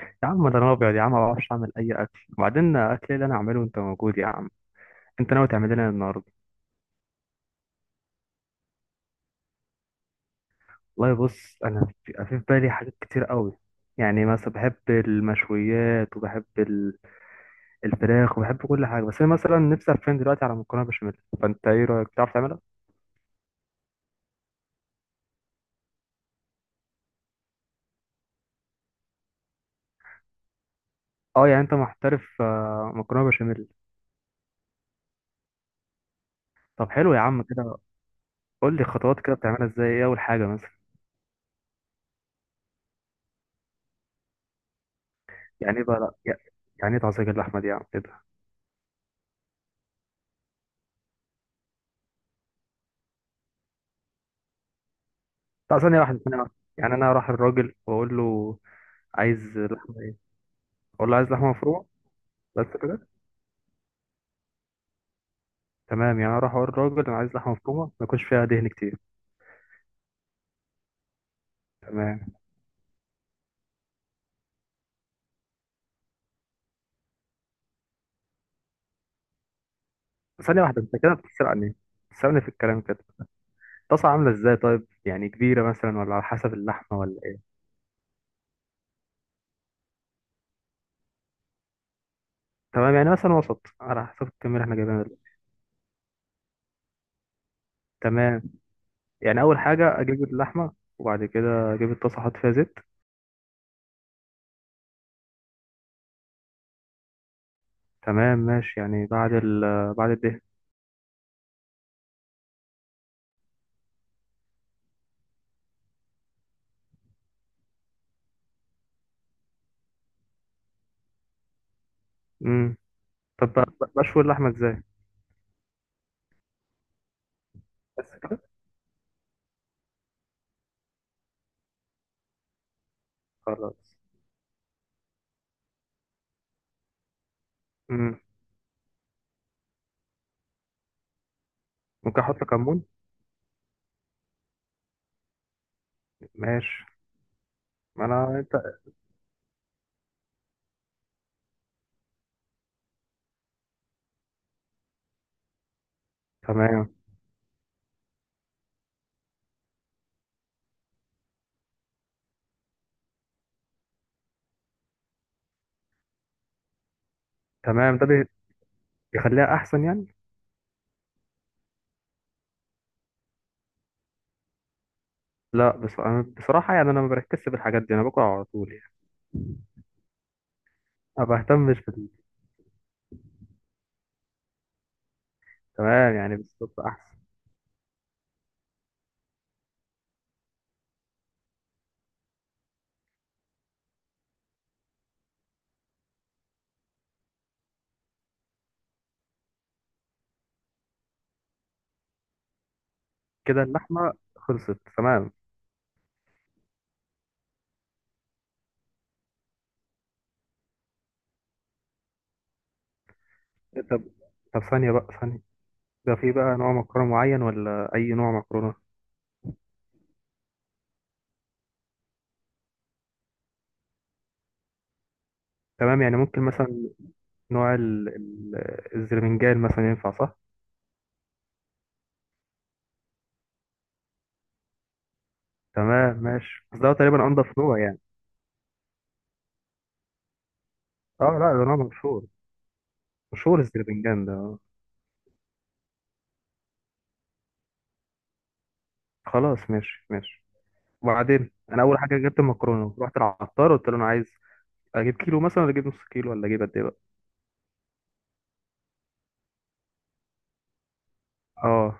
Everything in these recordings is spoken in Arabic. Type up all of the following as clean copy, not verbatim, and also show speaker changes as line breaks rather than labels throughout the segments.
يا عم، ده انا ابيض يا عم، ما بعرفش اعمل اي اكل. وبعدين اكل إيه اللي انا اعمله وانت موجود يا عم؟ انت ناوي تعمل لنا النهارده؟ والله بص، انا في بالي حاجات كتير قوي. يعني مثلا بحب المشويات وبحب الفراخ وبحب كل حاجه، بس انا مثلا نفسي افهم دلوقتي على مكرونه بشاميل. فانت ايه رايك، بتعرف تعملها؟ اه يعني انت محترف مكرونه بشاميل. طب حلو يا عم كده. قول لي خطوات كده بتعملها ازاي، ايه اول حاجه مثلا؟ يعني ايه بقى، لا، يعني ايه تعصيك اللحمه دي يا عم؟ لا، ثانية واحدة، ثانية واحدة، يعني أنا أروح الراجل وأقول له عايز لحمة إيه؟ أقول له عايز لحمة مفرومة. بس كده؟ تمام، يعني أروح أقول للراجل أنا عايز لحمة مفرومة ما يكونش فيها دهن كتير. تمام. ثانية واحدة، أنت كده بتسرقني، بتسرقني في الكلام كده. الطاسة عاملة إزاي طيب، يعني كبيرة مثلا ولا على حسب اللحمة ولا إيه؟ تمام، يعني مثلا وسط على حسب الكمية اللي إحنا جايبينها دلوقتي. تمام، يعني أول حاجة أجيب اللحمة وبعد كده أجيب الطاسة أحط فيها زيت. تمام ماشي، يعني بعد الدهن. امم طب، بشوي اللحمة إزاي؟ بس كده؟ خلاص. مم. ممكن احط كمون؟ ماشي. ما انا انت. تمام. تمام، ده بيخليها احسن يعني. لا بص، أنا بصراحه يعني انا ما بركزش بالحاجات دي، انا باكل على طول يعني. ما بهتمش بال. تمام يعني، بالظبط احسن. كده اللحمه خلصت؟ تمام. إيه، طب. طب ثانيه بقى، ثانيه. ده في بقى نوع مكرونه معين ولا اي نوع مكرونه؟ تمام، يعني ممكن مثلا نوع الزرمنجان مثلا ينفع صح؟ تمام ماشي، بس ده تقريبا انضف نوع يعني. اه لا، ده نوع مشهور. مشهور الزربنجان ده. خلاص ماشي ماشي. وبعدين انا اول حاجه جبت المكرونه، رحت العطار قلت له انا عايز اجيب كيلو مثلا ولا اجيب نص كيلو ولا اجيب قد ايه بقى؟ اه.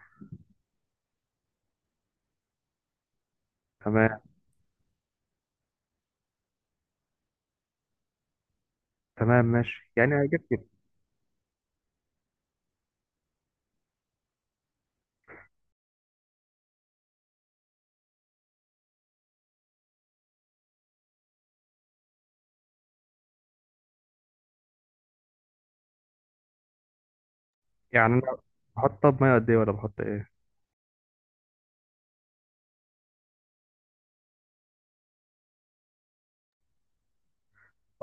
تمام. تمام ماشي، يعني هجيب كيلو. يعني انا بحط طب ميه قد ايه ولا بحط ايه؟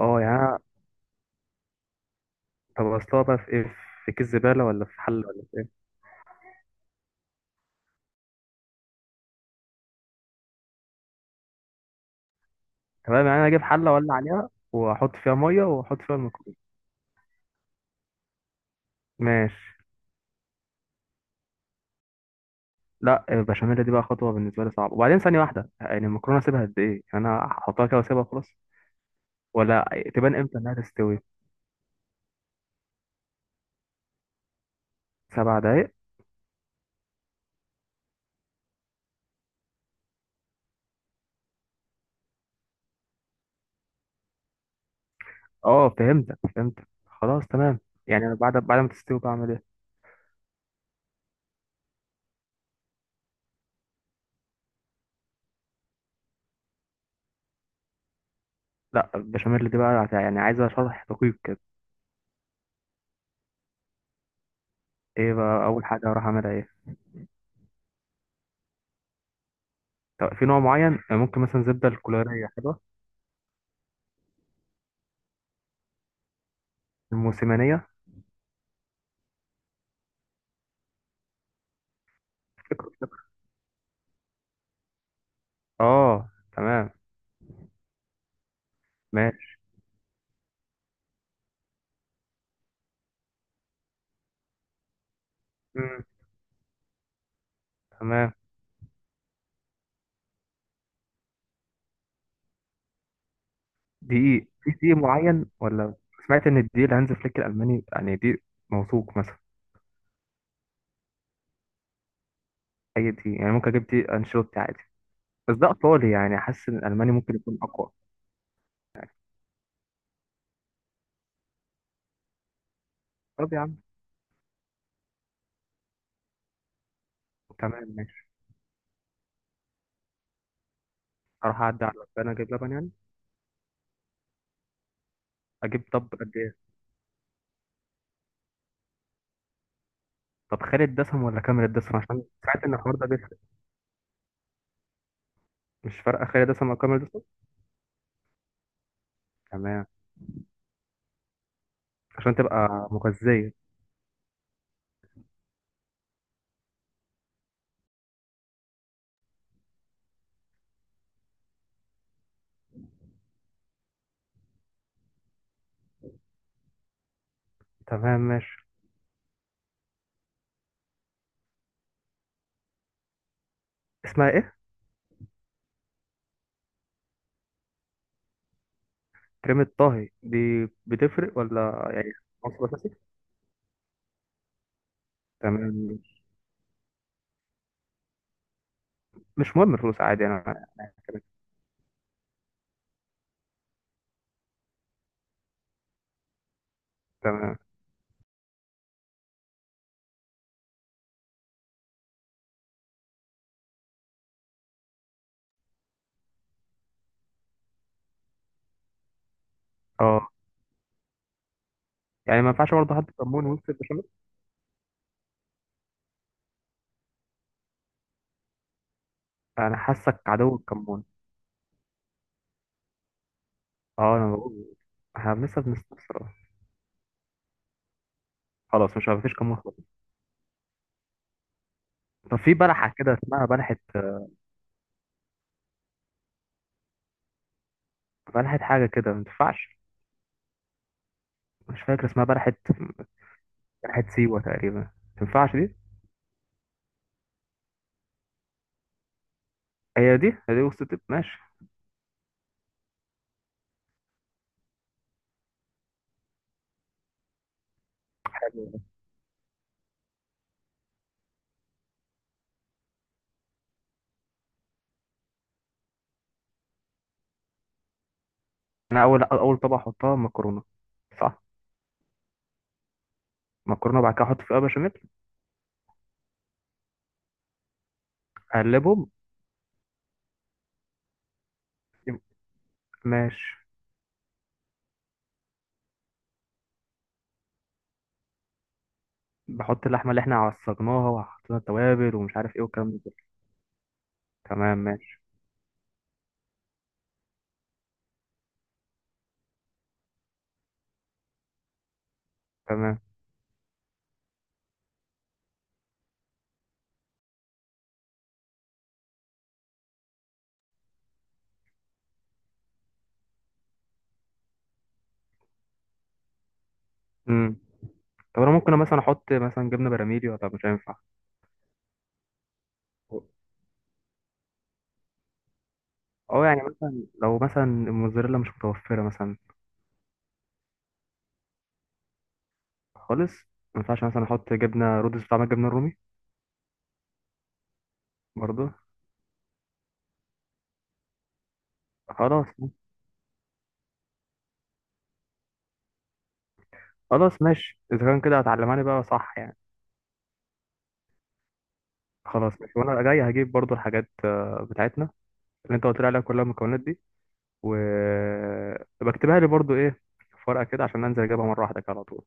اه يعني طب اصلها بقى في ايه، في كيس زباله ولا في حله ولا في ايه؟ تمام، يعني انا اجيب حله ولا عليها واحط فيها ميه واحط فيها المكرونه. ماشي. لا، البشاميل دي بقى خطوه بالنسبه لي صعبه، وبعدين ثانيه واحده، يعني المكرونه اسيبها قد ايه، يعني انا احطها كده واسيبها خلاص ولا تبان امتى انها تستوي؟ 7 دقايق. اه فهمتك فهمتك، خلاص تمام. يعني أنا بعد ما تستوي بعمل ايه؟ لا، البشاميل دي بقى يعني عايزه شرح دقيق كده. ايه بقى اول حاجه هروح اعملها ايه؟ طب في نوع معين، ممكن مثلا زبده الكولاريه حلوه؟ الموسمانيه. فكرة. اه تمام ماشي. مم. تمام. دقيق، في دقيق معين ولا؟ سمعت ان الدقيق الهانز فليك الالماني يعني دقيق موثوق مثلا. اي دقيق يعني، ممكن اجيب دقيق انشيلوتي عادي؟ بس ده ايطالي، يعني حاسس ان الالماني ممكن يكون اقوى. طب يا عم. تمام ماشي. اروح اعدي على البنى اجيب لبن يعني. اجيب طب قد ايه؟ طب خالد دسم ولا كامل دسم عشان سمعت ان الحوار ده بيفرق. مش فارقه خالد دسم او كامل دسم؟ تمام. عشان تبقى مغذيه. تمام ماشي. اسمها ايه؟ كريمه طهي دي بتفرق ولا يعني عنصر اساسي؟ تمام ماشي. مش مهم الفلوس عادي انا. تمام. اه يعني ما ينفعش برضه حد كمون ويمسك البشاميل؟ انا حاسك عدو الكمون. اه انا بقول. احنا لسه بنستفسر أهو. خلاص مش مفيش كمون خلاص. طب في بلحه كده اسمها بلحه، بلحه حاجه كده ما ينفعش؟ مش فاكر اسمها بلحة، واحد سيوة تقريبا، ما تنفعش دي؟ هي دي هي دي، وسط الطب ماشي. حلو. انا اول طبقة احطها مكرونة؟ صح. مكرونة بعد كده احط فيها بشاميل. اقلبهم. يبقى- ماشي. بحط اللحمة اللي احنا عصجناها وحطينا التوابل ومش عارف ايه والكلام ده كله. تمام ماشي. تمام. امم. طب انا ممكن مثلا احط مثلا جبنة براميلي ولا طب مش هينفع؟ اه يعني مثلا لو مثلا الموزاريلا مش متوفرة مثلا؟ خالص. ما ينفعش مثلا احط جبنة رودس بتاع الجبنة الرومي برضه؟ خلاص. خلاص ماشي، اذا كان كده هتعلمها لي بقى صح يعني. خلاص ماشي، وانا جاي هجيب برضو الحاجات بتاعتنا اللي انت قلت لي عليها كلها، المكونات دي، وبكتبها لي برضو ايه في ورقة كده عشان انزل اجيبها مرة واحدة كده على طول.